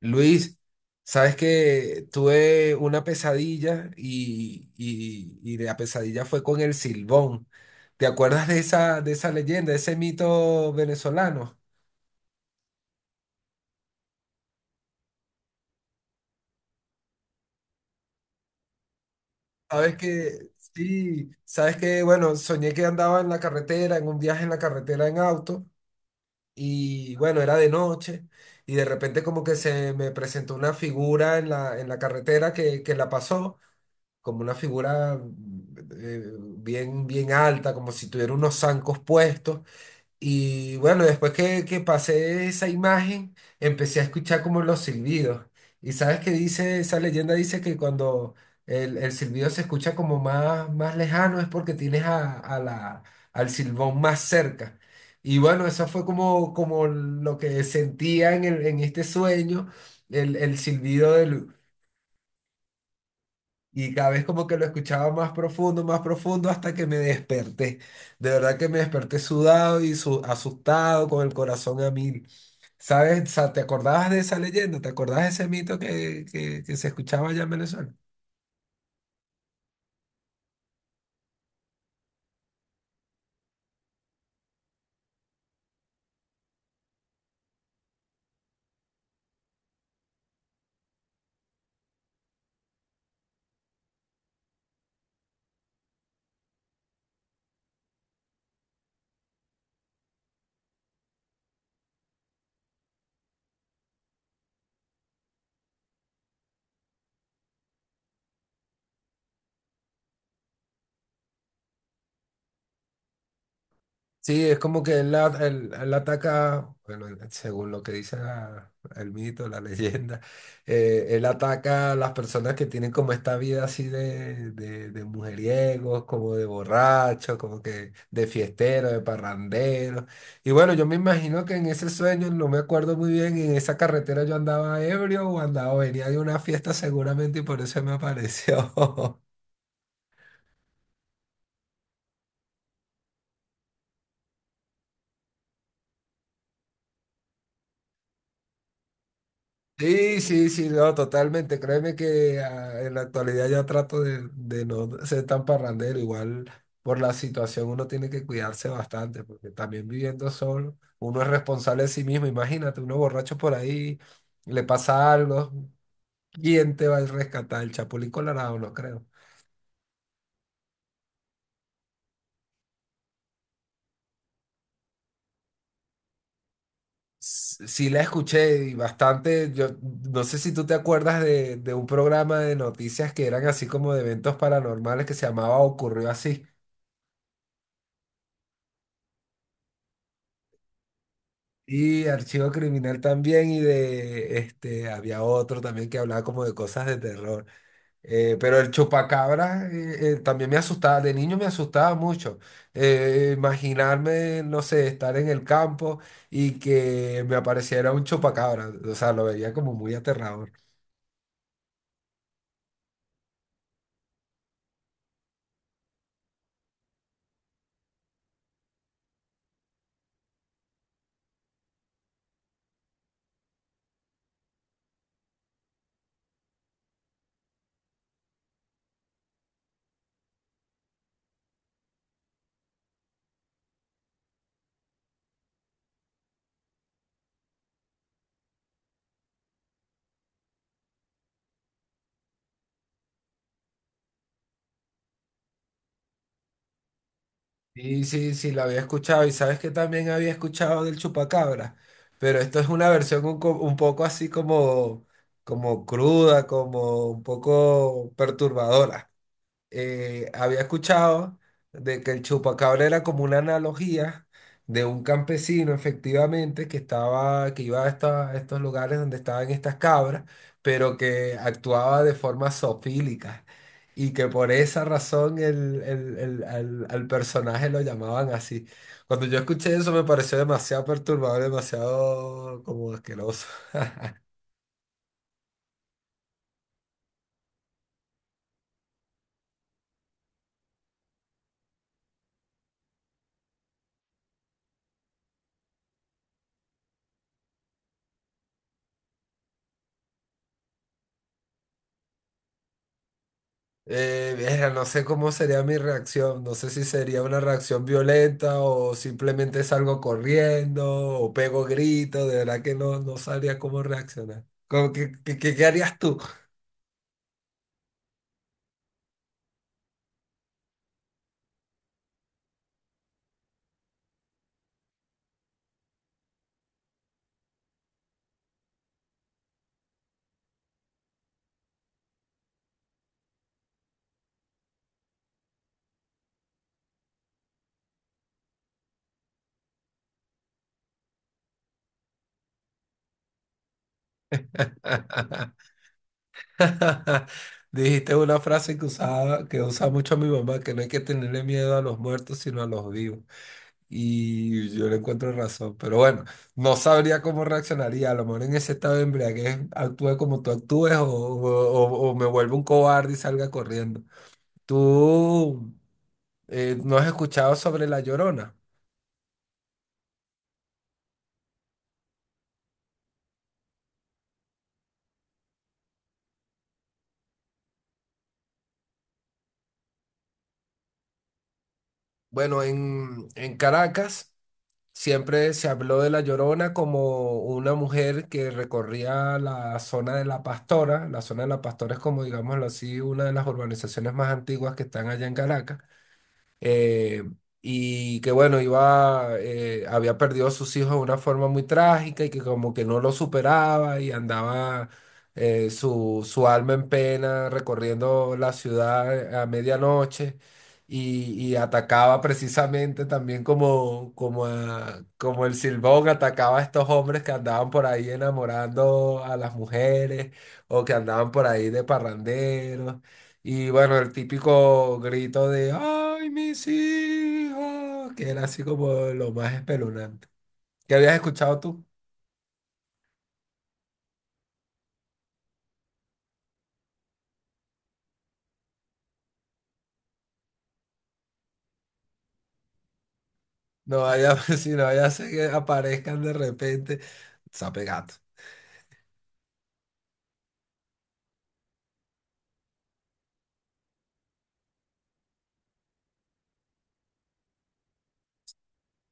Luis, sabes que tuve una pesadilla y la pesadilla fue con el Silbón. ¿Te acuerdas de esa leyenda, de ese mito venezolano? Sabes que, sí, sabes que, bueno, soñé que andaba en la carretera, en un viaje en la carretera en auto, y bueno, era de noche, y de repente como que se me presentó una figura en la carretera que la pasó, como una figura bien alta, como si tuviera unos zancos puestos. Y bueno, después que pasé esa imagen, empecé a escuchar como los silbidos. Y sabes que dice, esa leyenda dice que cuando el silbido se escucha como más lejano es porque tienes a la al silbón más cerca. Y bueno, eso fue como, como lo que sentía en, en este sueño, el silbido del, y cada vez como que lo escuchaba más profundo, hasta que me desperté. De verdad que me desperté sudado y asustado, con el corazón a mil. ¿Sabes? O sea, ¿te acordabas de esa leyenda? ¿Te acordabas de ese mito que se escuchaba allá en Venezuela? Sí, es como que él, él ataca, bueno, según lo que dice el mito, la leyenda, él ataca a las personas que tienen como esta vida así de mujeriegos, como de borrachos, como que de fiesteros, de parranderos. Y bueno, yo me imagino que en ese sueño, no me acuerdo muy bien, en esa carretera yo andaba ebrio o andaba, venía de una fiesta seguramente y por eso me apareció. Sí, sí, sí, no, totalmente. Créeme que en la actualidad ya trato de no ser tan parrandero. Igual por la situación uno tiene que cuidarse bastante, porque también viviendo solo, uno es responsable de sí mismo. Imagínate, uno borracho por ahí, le pasa algo, ¿quién te va a rescatar? El Chapulín Colorado, no creo. Sí, la escuché y bastante. Yo no sé si tú te acuerdas de un programa de noticias que eran así como de eventos paranormales que se llamaba Ocurrió Así. Y Archivo Criminal también, y de este, había otro también que hablaba como de cosas de terror. Pero el chupacabra también me asustaba, de niño me asustaba mucho. Imaginarme, no sé, estar en el campo y que me apareciera un chupacabra, o sea, lo veía como muy aterrador. Sí, sí, sí, la había escuchado y sabes que también había escuchado del chupacabra, pero esto es una versión un poco así como, como cruda, como un poco perturbadora. Había escuchado de que el chupacabra era como una analogía de un campesino, efectivamente, que estaba, que iba a, a estos lugares donde estaban estas cabras, pero que actuaba de forma zoofílica. Y que por esa razón al personaje lo llamaban así. Cuando yo escuché eso me pareció demasiado perturbador, demasiado como asqueroso. Verga, no sé cómo sería mi reacción, no sé si sería una reacción violenta o simplemente salgo corriendo o pego gritos, de verdad que no, no sabría cómo reaccionar. ¿ Qué harías tú? Dijiste una frase que usaba, que usa mucho mi mamá, que no hay que tenerle miedo a los muertos, sino a los vivos. Y yo le encuentro razón, pero bueno, no sabría cómo reaccionaría. A lo mejor en ese estado de embriaguez actúe como tú actúes o o me vuelvo un cobarde y salga corriendo. ¿Tú no has escuchado sobre La Llorona? Bueno, en Caracas siempre se habló de La Llorona como una mujer que recorría la zona de La Pastora. La zona de La Pastora es como, digámoslo así, una de las urbanizaciones más antiguas que están allá en Caracas, eh, y que bueno, iba, había perdido a sus hijos de una forma muy trágica y que como que no lo superaba y andaba, su alma en pena recorriendo la ciudad a medianoche, y atacaba precisamente también como el Silbón atacaba a estos hombres que andaban por ahí enamorando a las mujeres o que andaban por ahí de parranderos. Y bueno, el típico grito de ¡Ay, mis hijos! Que era así como lo más espeluznante. ¿Qué habías escuchado tú? No vaya, si no vaya a ser que aparezcan de repente. Sape gato.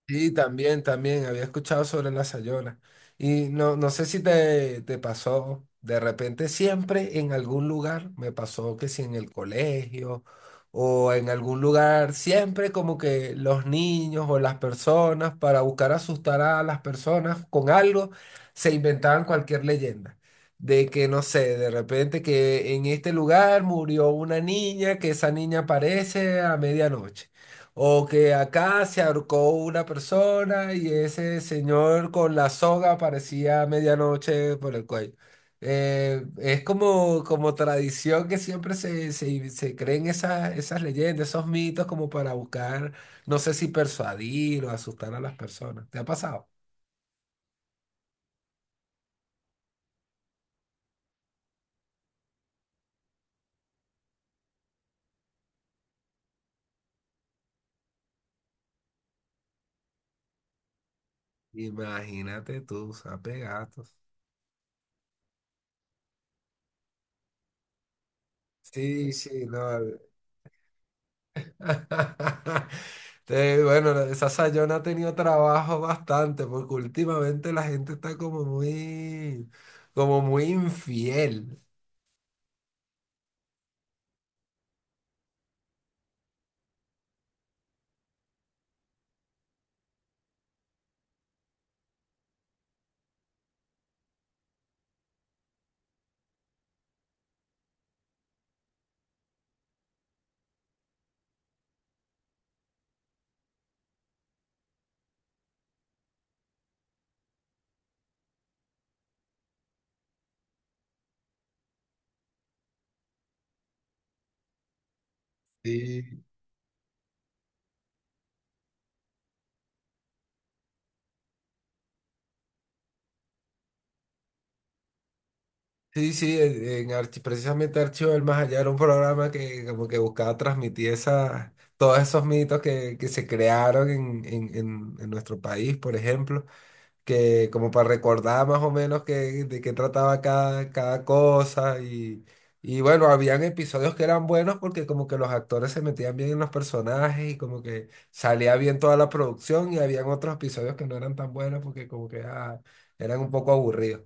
Sí, también, también, había escuchado sobre la Sayola. Y no, no sé si te, te pasó, de repente siempre en algún lugar, me pasó que si en el colegio o en algún lugar, siempre como que los niños o las personas, para buscar asustar a las personas con algo, se inventaban cualquier leyenda. De que, no sé, de repente que en este lugar murió una niña, que esa niña aparece a medianoche. O que acá se ahorcó una persona y ese señor con la soga aparecía a medianoche por el cuello. Es como, como tradición que siempre se creen esas leyendas, esos mitos como para buscar, no sé si persuadir o asustar a las personas. ¿Te ha pasado? Imagínate tú, sape gatos. Sí, sí, no. Bueno, esa Sayona ha tenido trabajo bastante porque últimamente la gente está como muy infiel. Sí, sí, sí, en precisamente Archivo del Más Allá era un programa que como que buscaba transmitir esa, todos esos mitos que se crearon en nuestro país, por ejemplo, que como para recordar más o menos que, de qué trataba cada, cada cosa, y bueno, habían episodios que eran buenos porque como que los actores se metían bien en los personajes y como que salía bien toda la producción y habían otros episodios que no eran tan buenos porque como que eran un poco aburridos.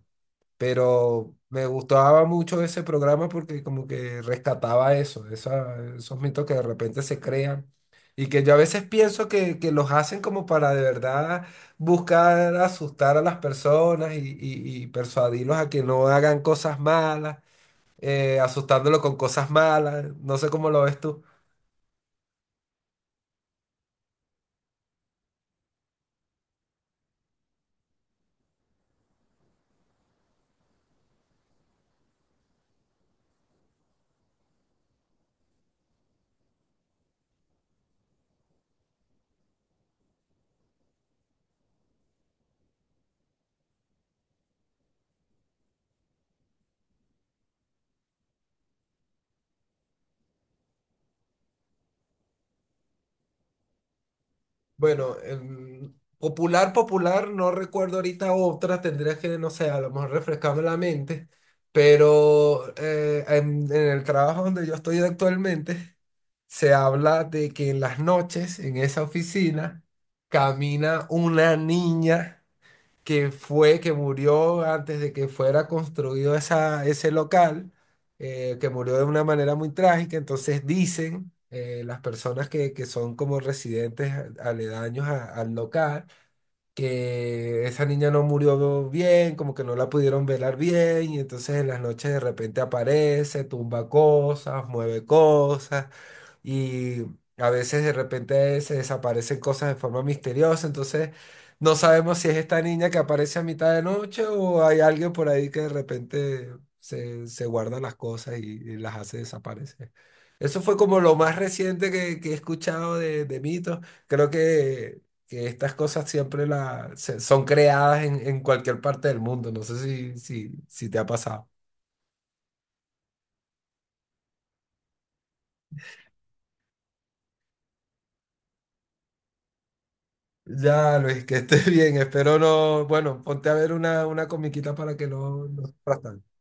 Pero me gustaba mucho ese programa porque como que rescataba eso, esos mitos que de repente se crean y que yo a veces pienso que los hacen como para de verdad buscar asustar a las personas y y- persuadirlos a que no hagan cosas malas, asustándolos con cosas malas. No sé cómo lo ves tú. Bueno, popular, popular, no recuerdo ahorita otra, tendría que, no sé, a lo mejor refrescarme la mente, pero en el trabajo donde yo estoy actualmente, se habla de que en las noches, en esa oficina, camina una niña que fue, que murió antes de que fuera construido esa, ese local, que murió de una manera muy trágica. Entonces dicen las personas que son como residentes aledaños al local que esa niña no murió bien, como que no la pudieron velar bien, y entonces en las noches de repente aparece, tumba cosas, mueve cosas, y a veces de repente se desaparecen cosas de forma misteriosa, entonces no sabemos si es esta niña que aparece a mitad de noche o hay alguien por ahí que de repente se guarda las cosas y las hace desaparecer. Eso fue como lo más reciente que he escuchado de mitos. Creo que estas cosas siempre son creadas en cualquier parte del mundo. No sé si te ha pasado. Ya, Luis, que estés bien. Espero no. Bueno, ponte a ver una comiquita para que no, no sufras tanto.